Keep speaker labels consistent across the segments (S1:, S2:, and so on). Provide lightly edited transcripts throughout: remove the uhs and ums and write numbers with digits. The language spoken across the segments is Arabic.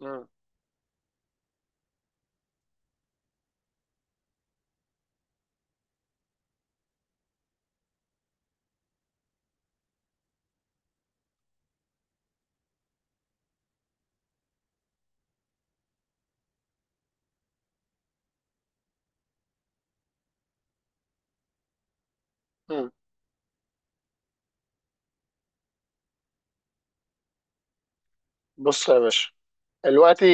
S1: مم. مم. بص يا باشا، دلوقتي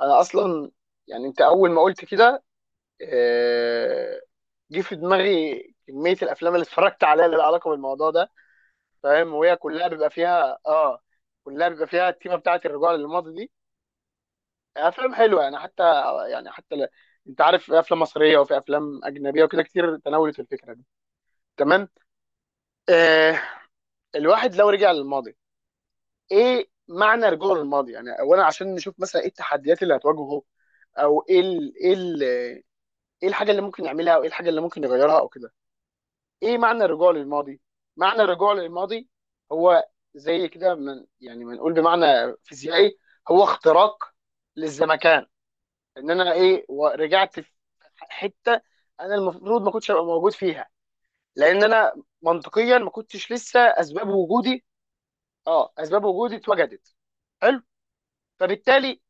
S1: انا اصلا، يعني انت اول ما قلت كده آه، جه في دماغي كميه الافلام اللي اتفرجت عليها اللي لها علاقه بالموضوع ده. فاهم؟ وهي كلها بيبقى فيها التيمه بتاعت الرجوع للماضي دي. افلام حلوه يعني، حتى يعني حتى ل... انت عارف في افلام مصريه وفي افلام اجنبيه وكده كتير تناولت الفكره دي. تمام. آه. الواحد لو رجع للماضي، ايه معنى رجوع للماضي؟ يعني اولا عشان نشوف مثلا ايه التحديات اللي هتواجهه، او ايه الحاجه اللي ممكن يعملها او ايه الحاجه اللي ممكن يغيرها او كده. ايه معنى الرجوع للماضي هو زي كده، من يعني، بنقول بمعنى فيزيائي، هو اختراق للزمكان. ان انا رجعت في حته انا المفروض ما كنتش ابقى موجود فيها، لان انا منطقيا ما كنتش لسه اسباب وجودي اتوجدت. حلو. فبالتالي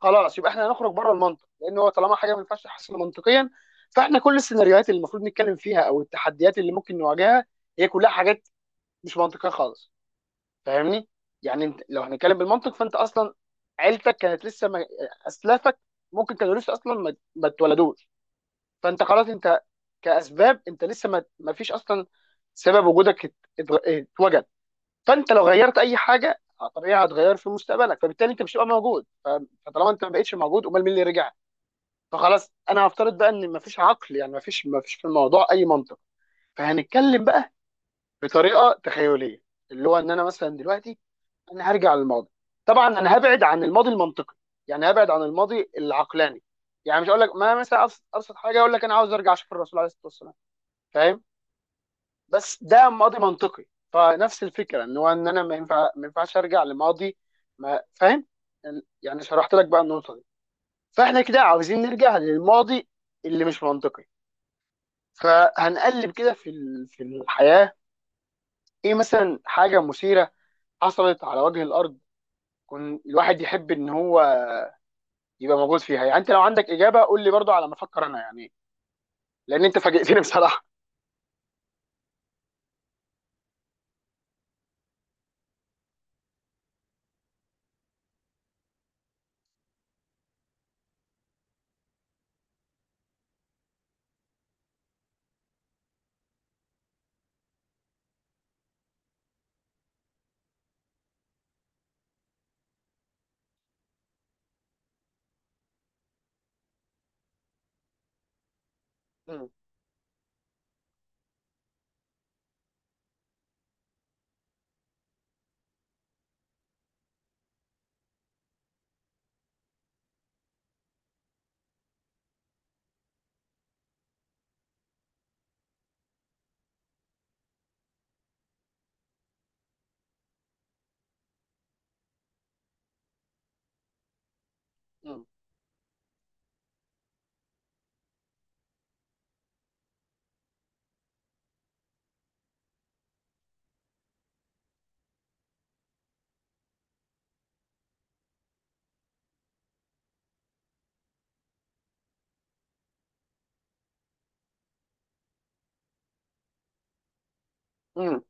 S1: خلاص يبقى احنا هنخرج بره المنطق، لان هو طالما حاجه ما ينفعش تحصل منطقيا، فاحنا كل السيناريوهات اللي المفروض نتكلم فيها او التحديات اللي ممكن نواجهها هي كلها حاجات مش منطقيه خالص. فاهمني؟ يعني انت لو هنتكلم بالمنطق، فانت اصلا عيلتك كانت لسه ما... اسلافك ممكن كانوا لسه اصلا ما اتولدوش. فانت خلاص، انت كاسباب انت لسه ما فيش اصلا سبب وجودك اتوجد. فانت لو غيرت اي حاجه طبيعي هتغير في مستقبلك، فبالتالي انت مش هتبقى موجود فطالما انت ما بقتش موجود، امال مين اللي رجع؟ فخلاص انا هفترض بقى ان مفيش عقل، يعني مفيش في الموضوع اي منطق. فهنتكلم بقى بطريقه تخيليه، اللي هو ان انا مثلا دلوقتي انا هرجع للماضي. طبعا انا هبعد عن الماضي المنطقي، يعني هبعد عن الماضي العقلاني. يعني مش هقول لك، ما مثلا ابسط حاجه اقول لك انا عاوز ارجع اشوف الرسول عليه الصلاه والسلام. فاهم؟ بس ده ماضي منطقي. فنفس الفكره ان هو ان انا ما ينفعش ارجع لماضي، ما فاهم؟ يعني شرحت لك بقى النقطه دي. فاحنا كده عاوزين نرجع للماضي اللي مش منطقي. فهنقلب كده في الحياة، ايه مثلا حاجة مثيرة حصلت على وجه الارض، كن الواحد يحب ان هو يبقى موجود فيها؟ يعني انت لو عندك اجابة قول لي برضو على ما افكر انا، يعني لان انت فاجئتني بصراحة. مم. مم. مم.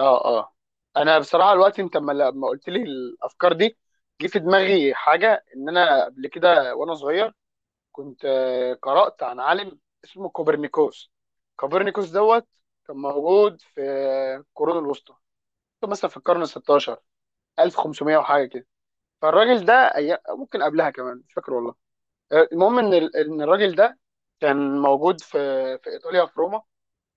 S1: اه، اه، انا بصراحة الوقت انت لما قلت لي الافكار دي، جه في دماغي حاجة ان انا قبل كده وانا صغير كنت قرأت عن عالم اسمه كوبرنيكوس. كوبرنيكوس دوت كان موجود في القرون الوسطى، مثلا في القرن ال 16، 1500 وحاجه كده. فالراجل ده ممكن قبلها كمان مش فاكر والله. المهم ان الراجل ده كان موجود في في ايطاليا في روما.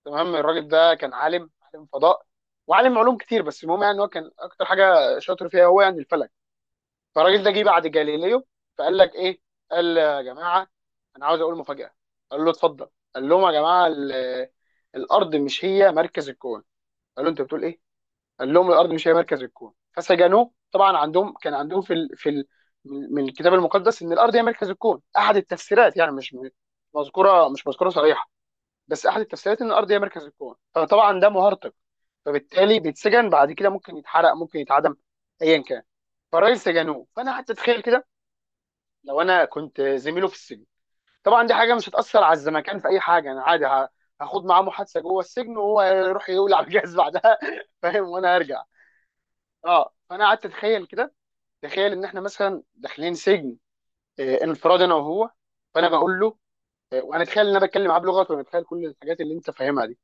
S1: تمام. الراجل ده كان عالم فضاء وعالم علوم كتير، بس المهم يعني إن هو كان اكتر حاجه شاطر فيها هو يعني الفلك. فالراجل ده جه بعد جاليليو، فقال لك ايه؟ قال: يا جماعه انا عاوز اقول مفاجاه. قال له: اتفضل. قال لهم: يا جماعه الارض مش هي مركز الكون. قال له: انت بتقول ايه؟ قال لهم: الارض مش هي مركز الكون. فسجنوه طبعا، عندهم كان عندهم من الكتاب المقدس ان الارض هي مركز الكون، احد التفسيرات يعني، مش م- مذكوره مش مذكوره صريحه، بس احد التفسيرات ان الارض هي مركز الكون. فطبعا ده مهرطق، فبالتالي بيتسجن، بعد كده ممكن يتحرق ممكن يتعدم، ايا كان. فالراجل سجنوه، فانا قعدت اتخيل كده لو انا كنت زميله في السجن. طبعا دي حاجه مش هتاثر على الزمكان في اي حاجه، انا عادي هاخد معاه محادثه جوه السجن، وهو يروح يولع على الجهاز بعدها فاهم؟ وانا هرجع. اه، فانا قعدت اتخيل كده، تخيل ان احنا مثلا داخلين سجن انفراد انا وهو. فانا بقول له، وانا اتخيل ان انا بتكلم معاه بلغته وانا اتخيل كل الحاجات اللي انت فاهمها دي،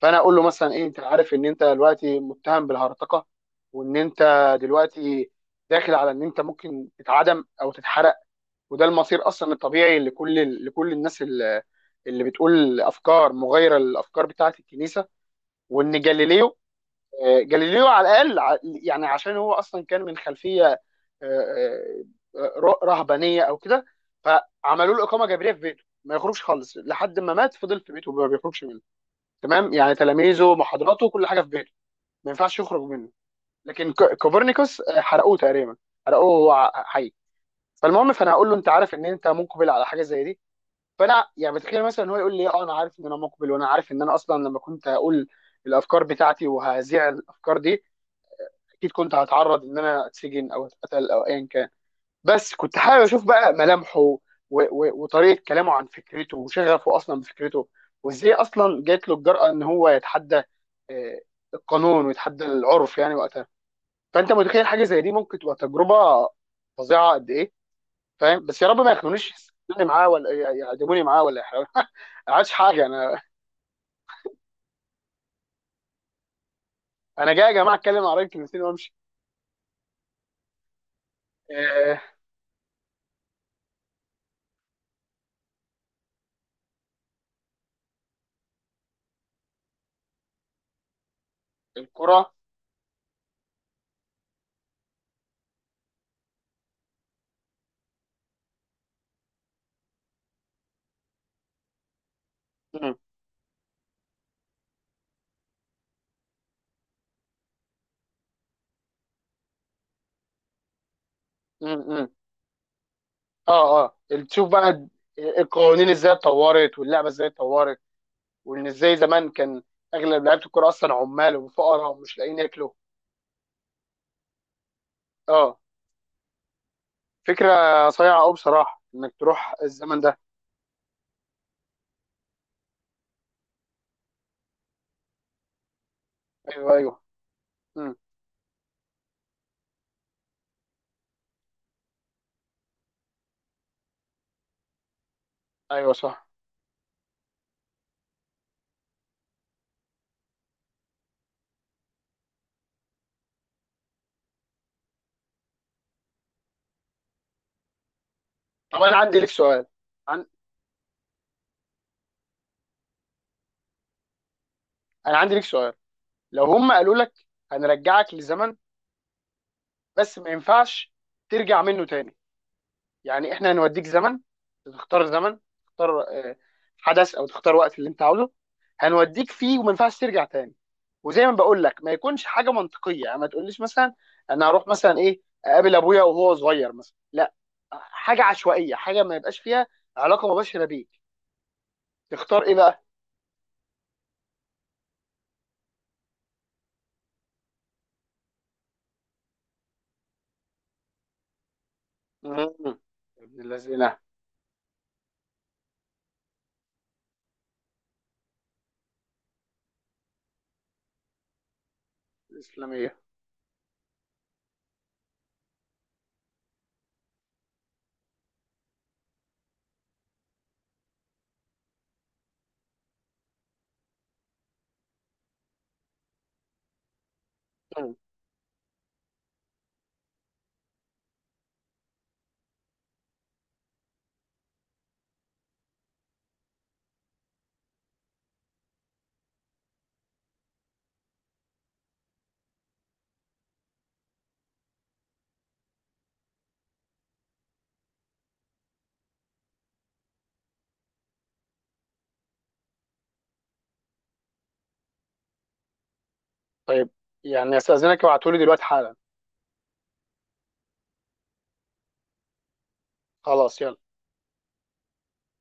S1: فانا اقول له مثلا ايه: انت عارف ان انت دلوقتي متهم بالهرطقه، وان انت دلوقتي داخل على ان انت ممكن تتعدم او تتحرق، وده المصير اصلا الطبيعي لكل الناس اللي اللي بتقول افكار مغايره للافكار بتاعه الكنيسه. وان جاليليو، جاليليو على الاقل يعني عشان هو اصلا كان من خلفيه آه، رهبانيه او كده، فعملوا له اقامه جبريه في بيته ما يخرجش خالص لحد ما مات، فضل في بيته ما بيخرجش منه. تمام؟ يعني تلاميذه، محاضراته، كل حاجه في بيته، ما ينفعش يخرج منه. لكن كوبرنيكوس حرقوه تقريبا، حرقوه وهو حي. فالمهم، فانا هقول له: انت عارف ان انت مقبل على حاجه زي دي؟ فانا يعني بتخيل مثلا هو يقول لي: اه انا عارف ان انا مقبل، وانا عارف ان انا اصلا لما كنت هقول الافكار بتاعتي وهذيع الافكار دي، اكيد كنت هتعرض ان انا اتسجن او اتقتل او ايا كان. بس كنت حابب اشوف بقى ملامحه وطريقه كلامه عن فكرته وشغفه اصلا بفكرته، وازاي اصلا جات له الجرأه ان هو يتحدى آه، القانون ويتحدى العرف يعني وقتها. فانت متخيل حاجه زي دي ممكن تبقى تجربه فظيعه قد ايه؟ فاهم؟ بس يا رب ما ياخدونيش يسجنوني معاه ولا يعدموني معاه ولا يحاولوا ما عادش حاجه انا، انا جاي يا جماعه اتكلم عن رايي كلمتين وامشي. آه، الكره. مم. مم. اه، اه، تشوف بقى القوانين ازاي اتطورت واللعبه ازاي اتطورت، وان ازاي زمان كان اغلب لعيبه الكوره اصلا عمال وفقراء ومش لاقيين ياكلوا. اه، فكره صايعه قوي بصراحه انك تروح الزمن ده. ايوه، ايوه، امم ايوه صح. طب انا عندي لك سؤال عن... انا عندي لك سؤال: لو هم قالوا لك هنرجعك لزمن بس ما ينفعش ترجع منه تاني، يعني احنا هنوديك زمن، تختار زمن، تختار حدث او تختار وقت اللي انت عاوزه، هنوديك فيه وما ينفعش ترجع تاني. وزي ما بقول لك، ما يكونش حاجه منطقيه، يعني ما تقوليش مثلا انا هروح مثلا ايه اقابل ابويا وهو صغير مثلا، لا، حاجه عشوائيه، حاجه ما يبقاش فيها علاقه مباشره بيك. تختار ايه بقى؟ مم. ابن الذين الاسلاميه. مم. طيب، يعني استاذنك ابعتولي دلوقتي حالا. خلاص يلا.